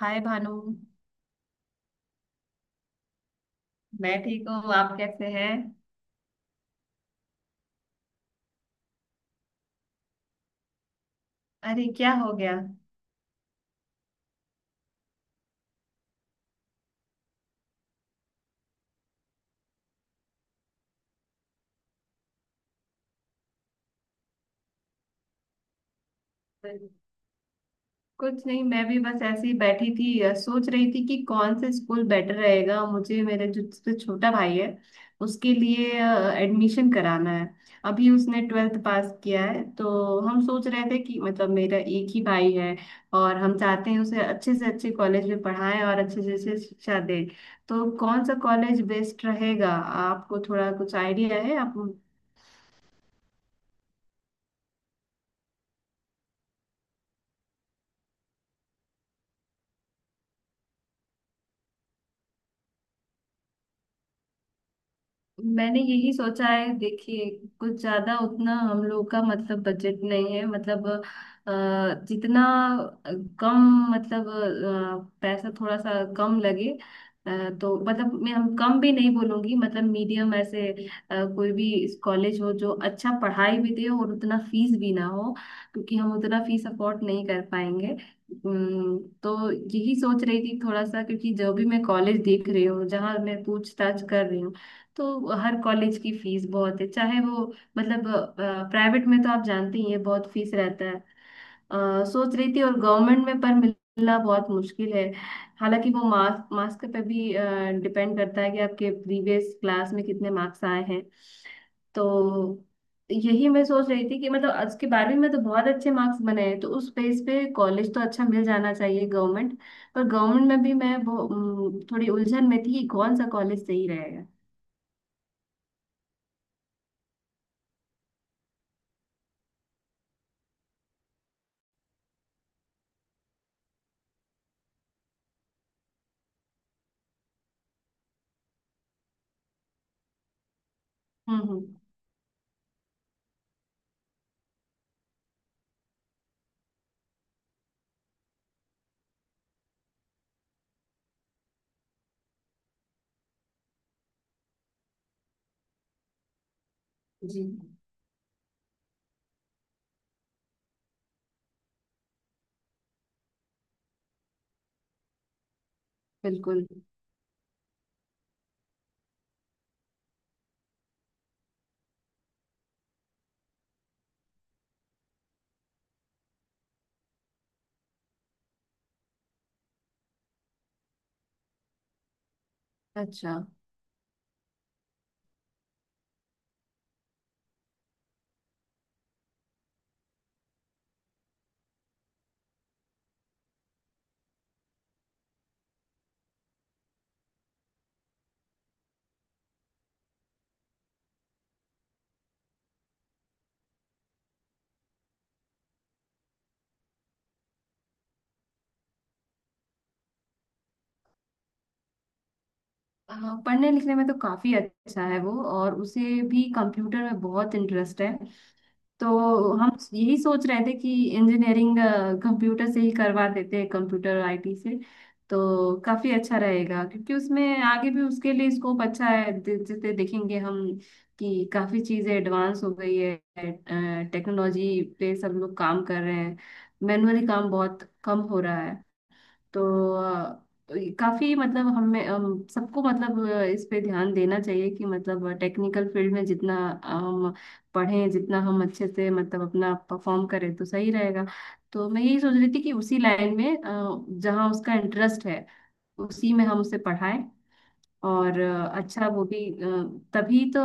हाय भानु। मैं ठीक हूँ, आप कैसे हैं? अरे क्या हो गया? कुछ नहीं, मैं भी बस ऐसे ही बैठी थी। सोच रही थी कि कौन से स्कूल बेटर रहेगा मुझे, मेरे जो सबसे छोटा भाई है उसके लिए। एडमिशन कराना है। अभी उसने 12th पास किया है, तो हम सोच रहे थे कि मतलब मेरा एक ही भाई है और हम चाहते हैं उसे अच्छे से अच्छे कॉलेज में पढ़ाएं और अच्छे से अच्छे शिक्षा दें। तो कौन सा कॉलेज बेस्ट रहेगा? आपको थोड़ा कुछ आइडिया है आप? मैंने यही सोचा है, देखिए कुछ ज्यादा उतना हम लोग का मतलब बजट नहीं है। मतलब अ, जितना कम, मतलब पैसा थोड़ा सा कम लगे। तो मतलब मैं हम कम भी नहीं बोलूंगी, मतलब मीडियम ऐसे। कोई भी कॉलेज हो जो अच्छा पढ़ाई भी दे और उतना फीस भी ना हो, क्योंकि हम उतना फीस अफोर्ड नहीं कर पाएंगे। तो यही सोच रही थी थोड़ा सा, क्योंकि जो भी मैं कॉलेज देख रही हूँ, जहाँ मैं पूछताछ कर रही हूँ, तो हर कॉलेज की फीस बहुत है। चाहे वो मतलब प्राइवेट में तो आप जानते ही हैं, बहुत फीस रहता है। सोच रही थी, और गवर्नमेंट में पर मिलना बहुत मुश्किल है। हालांकि वो मार्क्स, मार्क्स पे भी डिपेंड करता है कि आपके प्रीवियस क्लास में कितने मार्क्स आए हैं। तो यही मैं सोच रही थी कि मतलब आज के बारहवीं में तो बहुत अच्छे मार्क्स बने हैं, तो उस बेस पे कॉलेज तो अच्छा मिल जाना चाहिए गवर्नमेंट। पर गवर्नमेंट में भी मैं थोड़ी उलझन में थी कि कौन सा कॉलेज सही रहेगा। हम्म। जी बिल्कुल। अच्छा। हाँ पढ़ने लिखने में तो काफी अच्छा है वो, और उसे भी कंप्यूटर में बहुत इंटरेस्ट है। तो हम यही सोच रहे थे कि इंजीनियरिंग कंप्यूटर से ही करवा देते हैं, कंप्यूटर आईटी से। तो काफी अच्छा रहेगा, क्योंकि उसमें आगे भी उसके लिए स्कोप अच्छा है। जैसे देखेंगे हम कि काफी चीजें एडवांस हो गई है। टेक्नोलॉजी पे सब लोग काम कर रहे हैं, मैनुअली काम बहुत कम हो रहा है। तो अ, ये काफी मतलब हमें सबको मतलब इस पे ध्यान देना चाहिए कि मतलब टेक्निकल फील्ड में जितना हम पढ़ें, जितना हम अच्छे से मतलब अपना परफॉर्म करें तो सही रहेगा। तो मैं यही सोच रही थी कि उसी लाइन में जहाँ उसका इंटरेस्ट है उसी में हम उसे पढ़ाएं और अच्छा वो भी तभी तो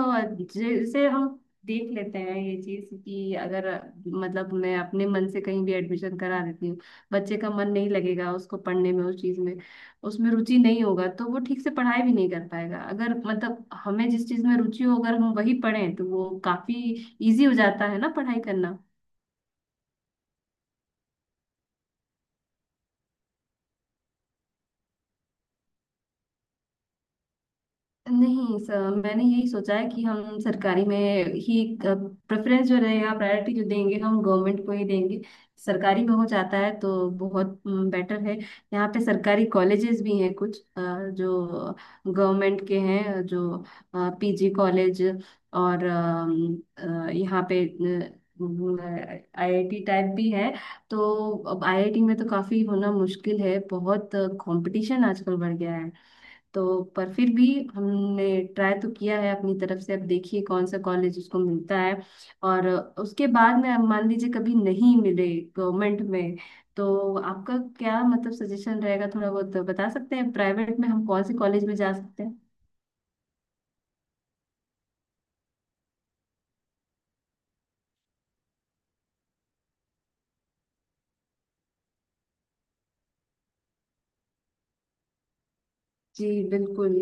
जैसे हम देख लेते हैं ये चीज कि अगर मतलब मैं अपने मन से कहीं भी एडमिशन करा देती हूँ, बच्चे का मन नहीं लगेगा उसको पढ़ने में, उस चीज में उसमें रुचि नहीं होगा तो वो ठीक से पढ़ाई भी नहीं कर पाएगा। अगर मतलब हमें जिस चीज में रुचि हो, अगर हम वही पढ़ें तो वो काफी इजी हो जाता है ना पढ़ाई करना। नहीं सर, मैंने यही सोचा है कि हम सरकारी में ही प्रेफरेंस जो रहेगा, प्रायोरिटी जो देंगे हम गवर्नमेंट को ही देंगे। सरकारी में हो जाता है तो बहुत बेटर है। यहाँ पे सरकारी कॉलेजेस भी हैं कुछ, जो गवर्नमेंट के हैं, जो पीजी कॉलेज, और यहाँ पे आईआईटी टाइप भी है। तो अब आईआईटी में तो काफी होना मुश्किल है, बहुत कंपटीशन आजकल बढ़ गया है। तो पर फिर भी हमने ट्राई तो किया है अपनी तरफ से। अब देखिए कौन सा कॉलेज उसको मिलता है। और उसके बाद में, अब मान लीजिए कभी नहीं मिले गवर्नमेंट में, तो आपका क्या मतलब सजेशन रहेगा? थोड़ा बहुत बता सकते हैं प्राइवेट में हम कौन से कॉलेज में जा सकते हैं? जी बिल्कुल।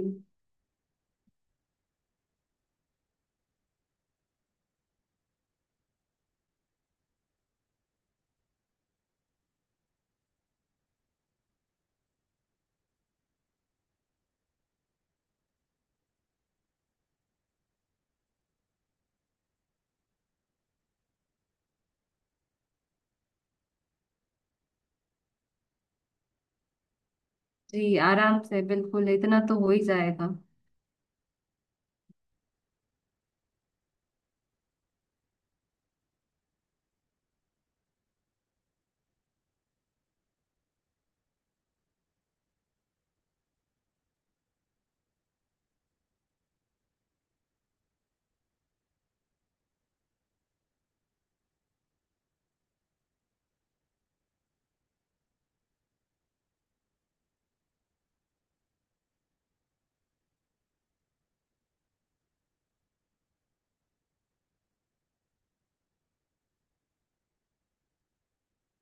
जी आराम से, बिल्कुल इतना तो हो ही जाएगा।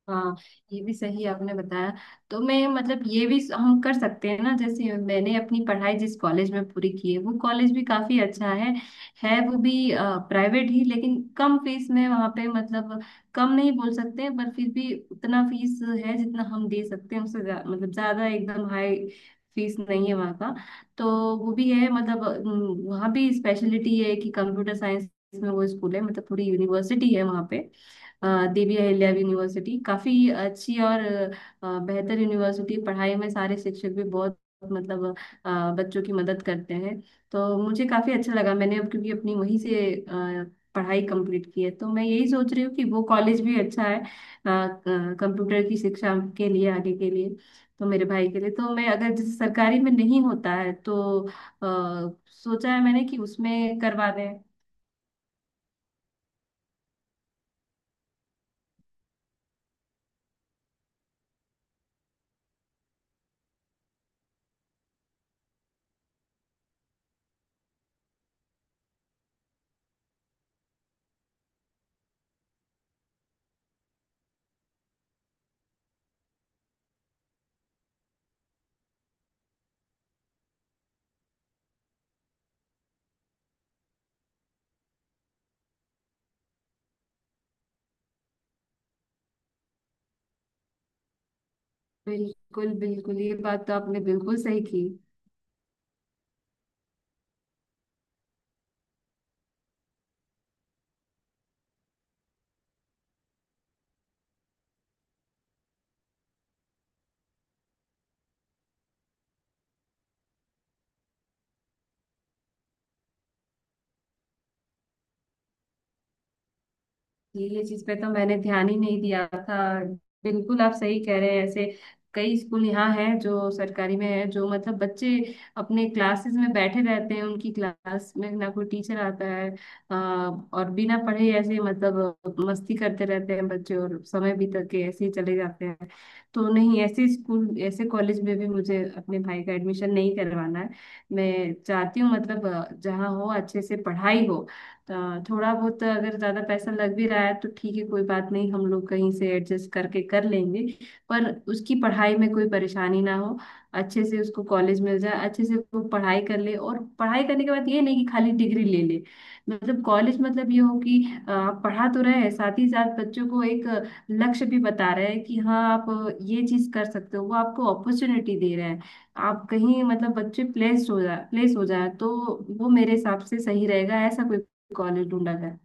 हाँ, ये भी सही आपने बताया। तो मैं मतलब ये भी हम कर सकते हैं ना, जैसे मैंने अपनी पढ़ाई जिस कॉलेज में पूरी की है वो कॉलेज भी काफी अच्छा है। है वो भी प्राइवेट ही, लेकिन कम फीस में। वहाँ पे मतलब कम नहीं बोल सकते, पर फिर भी उतना फीस है जितना हम दे सकते हैं। उससे मतलब ज्यादा एकदम हाई फीस नहीं है वहाँ का। तो वो भी है, मतलब वहाँ भी स्पेशलिटी है कि कंप्यूटर साइंस में वो स्कूल है, मतलब पूरी यूनिवर्सिटी है वहाँ पे। अ, देवी अहिल्या यूनिवर्सिटी काफी अच्छी और बेहतर यूनिवर्सिटी है। पढ़ाई में सारे शिक्षक भी बहुत मतलब बच्चों की मदद करते हैं। तो मुझे काफी अच्छा लगा, मैंने अब क्योंकि अपनी वहीं से पढ़ाई कंप्लीट की है, तो मैं यही सोच रही हूँ कि वो कॉलेज भी अच्छा है कंप्यूटर की शिक्षा के लिए, आगे के लिए। तो मेरे भाई के लिए तो मैं, अगर जैसे सरकारी में नहीं होता है तो अ, सोचा है मैंने कि उसमें करवा दें। बिल्कुल, बिल्कुल, ये बात तो आपने बिल्कुल सही की। ये चीज पे तो मैंने ध्यान ही नहीं दिया था। बिल्कुल आप सही कह रहे हैं, ऐसे कई स्कूल यहाँ हैं जो सरकारी में है, जो मतलब बच्चे अपने क्लासेस में बैठे रहते हैं, उनकी क्लास में ना कोई टीचर आता है आ, और बिना पढ़े ऐसे मतलब मस्ती करते रहते हैं बच्चे, और समय बीत के ऐसे ही चले जाते हैं। तो नहीं, ऐसे स्कूल, ऐसे कॉलेज में भी मुझे अपने भाई का एडमिशन नहीं करवाना है। मैं चाहती हूँ मतलब जहाँ हो अच्छे से पढ़ाई हो। थोड़ा बहुत अगर ज्यादा पैसा लग भी रहा है तो ठीक है, कोई बात नहीं, हम लोग कहीं से एडजस्ट करके कर लेंगे। पर उसकी पढ़ाई में कोई परेशानी ना हो। अच्छे से उसको कॉलेज मिल जाए, अच्छे से वो पढ़ाई कर ले और पढ़ाई करने के बाद ये नहीं कि खाली डिग्री ले ले। मतलब कॉलेज मतलब ये हो कि आप पढ़ा तो रहे हैं, साथ ही साथ बच्चों को एक लक्ष्य भी बता रहे हैं कि हाँ आप ये चीज कर सकते हो, वो आपको अपॉर्चुनिटी दे रहे हैं। आप कहीं मतलब बच्चे प्लेस हो जाए, प्लेस हो जाए, तो वो मेरे हिसाब से सही रहेगा। ऐसा कोई कॉलेज ढूंढा जाए।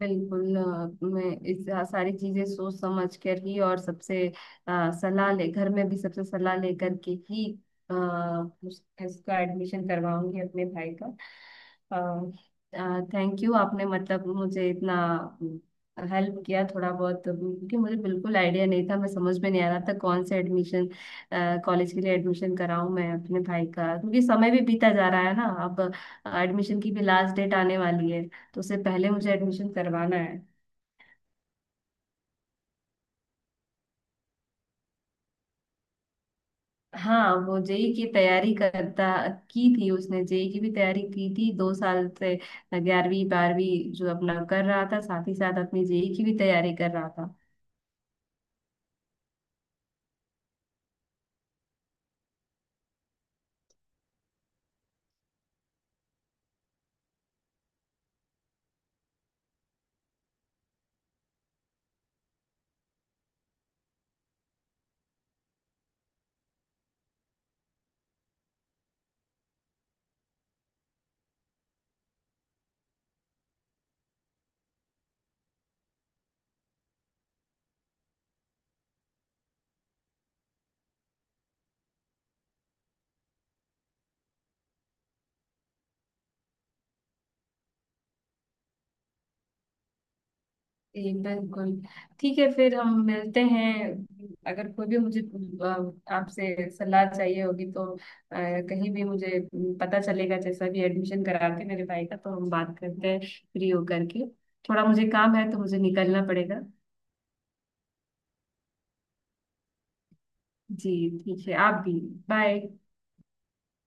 बिल्कुल, मैं इस सारी चीजें सोच समझ कर ही, और सबसे सलाह ले, घर में भी सबसे सलाह लेकर के ही अ, इसका एडमिशन करवाऊंगी अपने भाई का। थैंक यू, आपने मतलब मुझे इतना हेल्प किया थोड़ा बहुत, क्योंकि मुझे बिल्कुल आइडिया नहीं था, मैं समझ में नहीं आ रहा था कौन से एडमिशन कॉलेज के लिए एडमिशन कराऊं मैं अपने भाई का, क्योंकि समय भी बीता जा रहा है ना अब। एडमिशन की भी लास्ट डेट आने वाली है, तो उससे पहले मुझे एडमिशन करवाना है। हाँ वो जेई की तैयारी करता की थी, उसने जेई की भी तैयारी की थी 2 साल से। ग्यारहवीं बारहवीं जो अपना कर रहा था, साथ ही साथ अपनी जेई की भी तैयारी कर रहा था। जी, बिल्कुल। ठीक है, फिर हम मिलते हैं। अगर कोई भी मुझे आपसे सलाह चाहिए होगी तो कहीं भी मुझे पता चलेगा। जैसा भी एडमिशन करा के मेरे भाई का, तो हम बात करते हैं फ्री होकर के। थोड़ा मुझे काम है तो मुझे निकलना पड़ेगा। जी, ठीक है, आप भी। बाय।